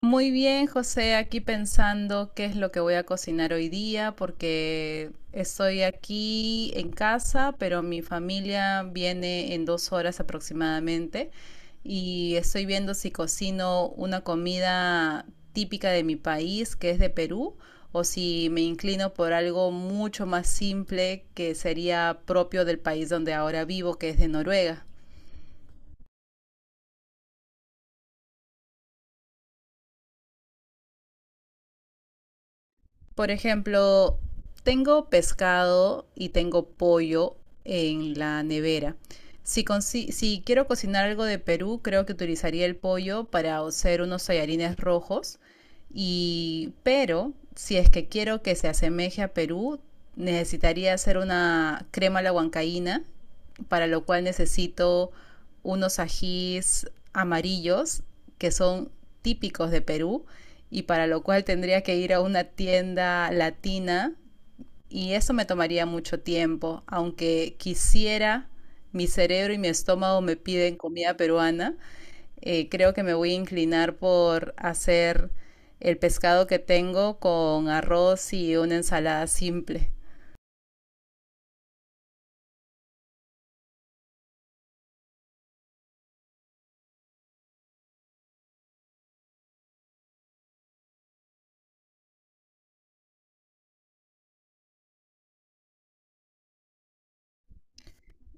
Muy bien, José, aquí pensando qué es lo que voy a cocinar hoy día, porque estoy aquí en casa, pero mi familia viene en 2 horas aproximadamente y estoy viendo si cocino una comida típica de mi país, que es de Perú, o si me inclino por algo mucho más simple que sería propio del país donde ahora vivo, que es de Noruega. Por ejemplo, tengo pescado y tengo pollo en la nevera. Si quiero cocinar algo de Perú, creo que utilizaría el pollo para hacer unos tallarines rojos. Y, pero si es que quiero que se asemeje a Perú, necesitaría hacer una crema a la huancaína, para lo cual necesito unos ajís amarillos que son típicos de Perú y para lo cual tendría que ir a una tienda latina y eso me tomaría mucho tiempo, aunque quisiera, mi cerebro y mi estómago me piden comida peruana, creo que me voy a inclinar por hacer el pescado que tengo con arroz y una ensalada simple.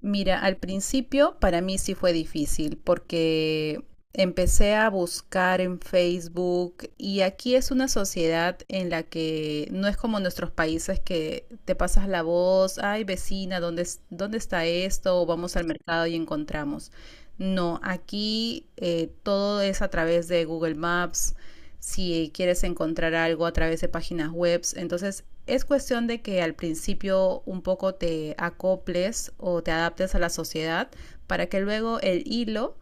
Mira, al principio para mí sí fue difícil porque empecé a buscar en Facebook y aquí es una sociedad en la que no es como nuestros países que te pasas la voz, ay vecina, ¿dónde está esto? O vamos al mercado y encontramos. No, aquí todo es a través de Google Maps, si quieres encontrar algo a través de páginas web. Entonces es cuestión de que al principio un poco te acoples o te adaptes a la sociedad para que luego el hilo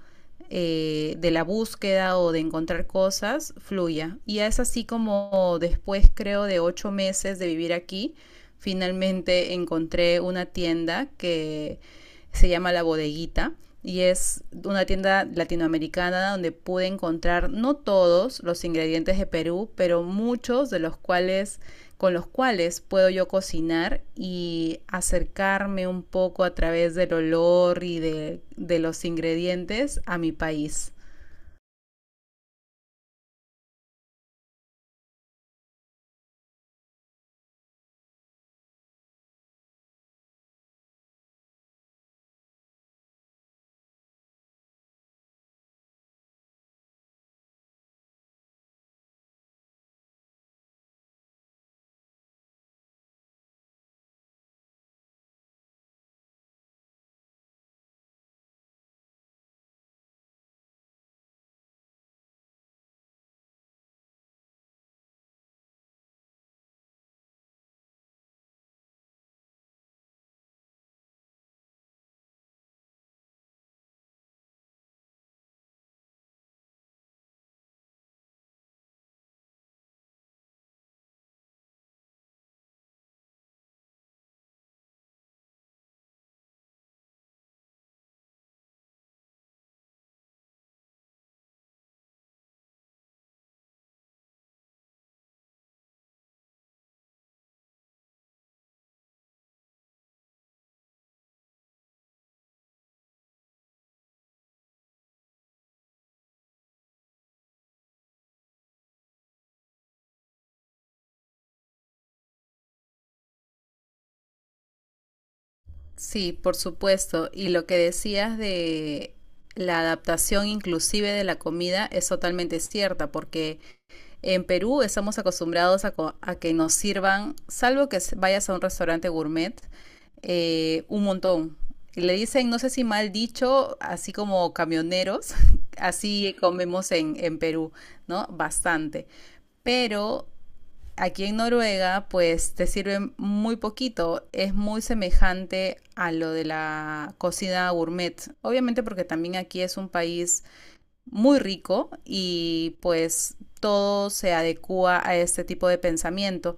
de la búsqueda o de encontrar cosas fluya. Y es así como después, creo, de 8 meses de vivir aquí, finalmente encontré una tienda que se llama La Bodeguita y es una tienda latinoamericana donde pude encontrar no todos los ingredientes de Perú, pero muchos de los cuales con los cuales puedo yo cocinar y acercarme un poco a través del olor y de los ingredientes a mi país. Sí, por supuesto. Y lo que decías de la adaptación inclusive de la comida es totalmente cierta, porque en Perú estamos acostumbrados a que nos sirvan, salvo que vayas a un restaurante gourmet, un montón. Y le dicen, no sé si mal dicho, así como camioneros, así comemos en Perú, ¿no? Bastante. Pero aquí en Noruega, pues te sirve muy poquito. Es muy semejante a lo de la cocina gourmet. Obviamente porque también aquí es un país muy rico y pues todo se adecua a este tipo de pensamiento.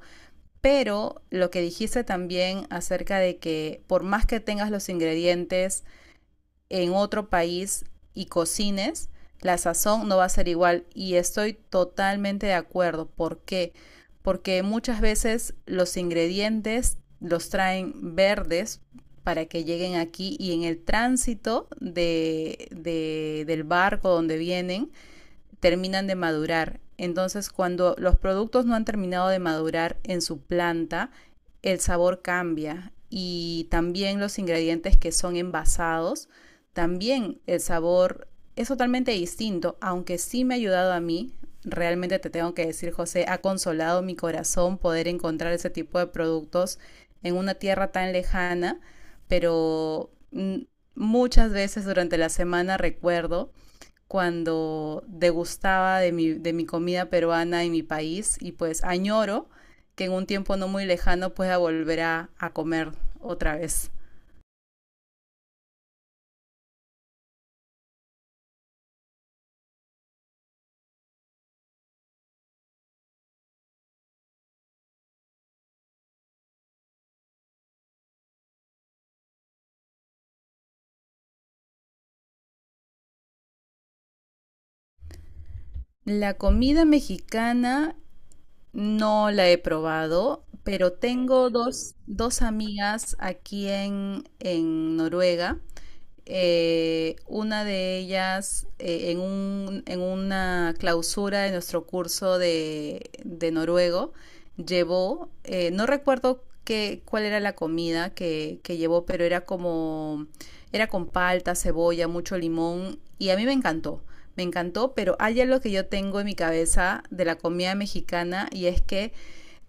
Pero lo que dijiste también acerca de que por más que tengas los ingredientes, en otro país y cocines, la sazón no va a ser igual. Y estoy totalmente de acuerdo. ¿Por qué? Porque muchas veces los ingredientes los traen verdes para que lleguen aquí y en el tránsito del barco donde vienen terminan de madurar. Entonces, cuando los productos no han terminado de madurar en su planta, el sabor cambia y también los ingredientes que son envasados, también el sabor es totalmente distinto, aunque sí me ha ayudado a mí, realmente te tengo que decir, José, ha consolado mi corazón poder encontrar ese tipo de productos en una tierra tan lejana, pero muchas veces durante la semana recuerdo cuando degustaba de mi comida peruana en mi país y pues añoro que en un tiempo no muy lejano pueda volver a comer otra vez. La comida mexicana no la he probado, pero tengo dos amigas aquí en Noruega. Una de ellas en una clausura de nuestro curso de noruego llevó, no recuerdo cuál era la comida que llevó, pero era con palta, cebolla, mucho limón y a mí me encantó. Me encantó, pero hay algo que yo tengo en mi cabeza de la comida mexicana y es que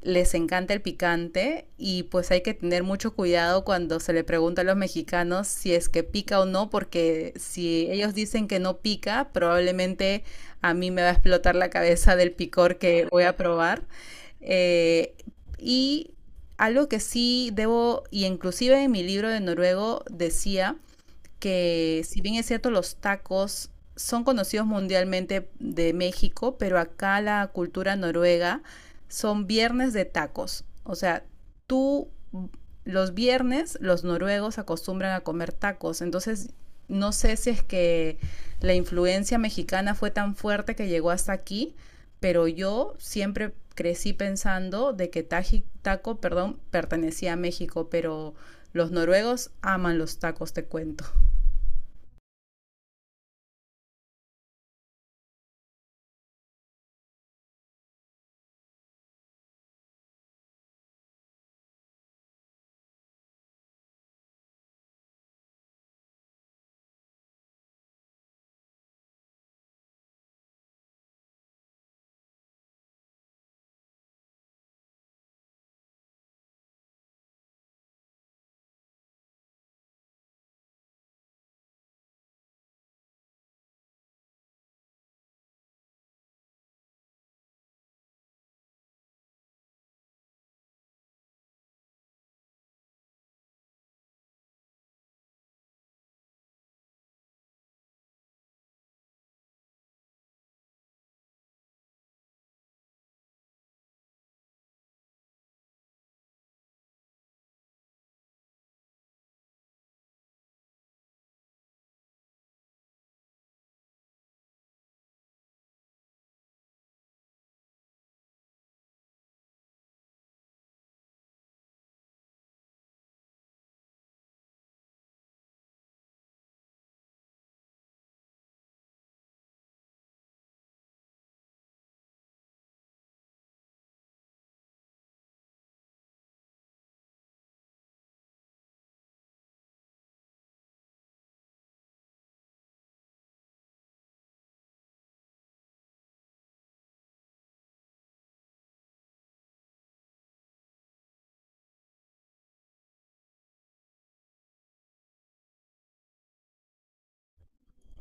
les encanta el picante y pues hay que tener mucho cuidado cuando se le pregunta a los mexicanos si es que pica o no, porque si ellos dicen que no pica, probablemente a mí me va a explotar la cabeza del picor que voy a probar. Eh, y algo que sí debo, y inclusive en mi libro de noruego decía que si bien es cierto los tacos son conocidos mundialmente de México, pero acá la cultura noruega son viernes de tacos. O sea, tú los viernes los noruegos acostumbran a comer tacos. Entonces, no sé si es que la influencia mexicana fue tan fuerte que llegó hasta aquí, pero yo siempre crecí pensando de que taco pertenecía a México, pero los noruegos aman los tacos, te cuento.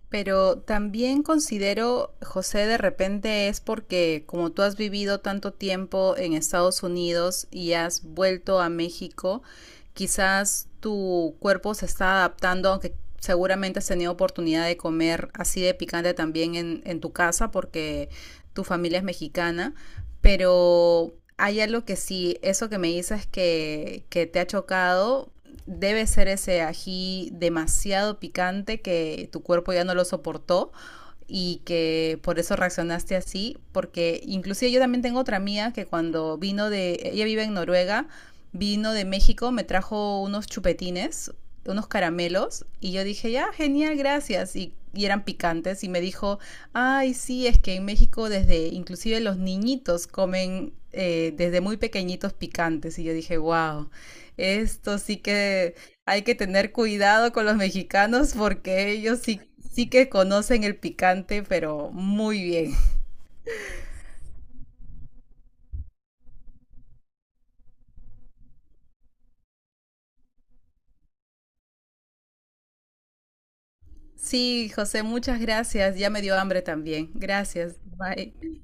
Pero también considero, José, de repente es porque como tú has vivido tanto tiempo en Estados Unidos y has vuelto a México, quizás tu cuerpo se está adaptando, aunque seguramente has tenido oportunidad de comer así de picante también en tu casa porque tu familia es mexicana, pero hay algo que sí, eso que me dices que te ha chocado, debe ser ese ají demasiado picante que tu cuerpo ya no lo soportó y que por eso reaccionaste así, porque inclusive yo también tengo otra mía que cuando vino de, ella vive en Noruega, vino de México, me trajo unos chupetines, unos caramelos y yo dije, ya, genial, gracias. Y eran picantes y me dijo, ay, sí, es que en México desde, inclusive los niñitos comen desde muy pequeñitos picantes. Y yo dije, wow. Esto sí que hay que tener cuidado con los mexicanos porque ellos sí, sí que conocen el picante, pero muy bien. Sí, José, muchas gracias. Ya me dio hambre también. Gracias. Bye.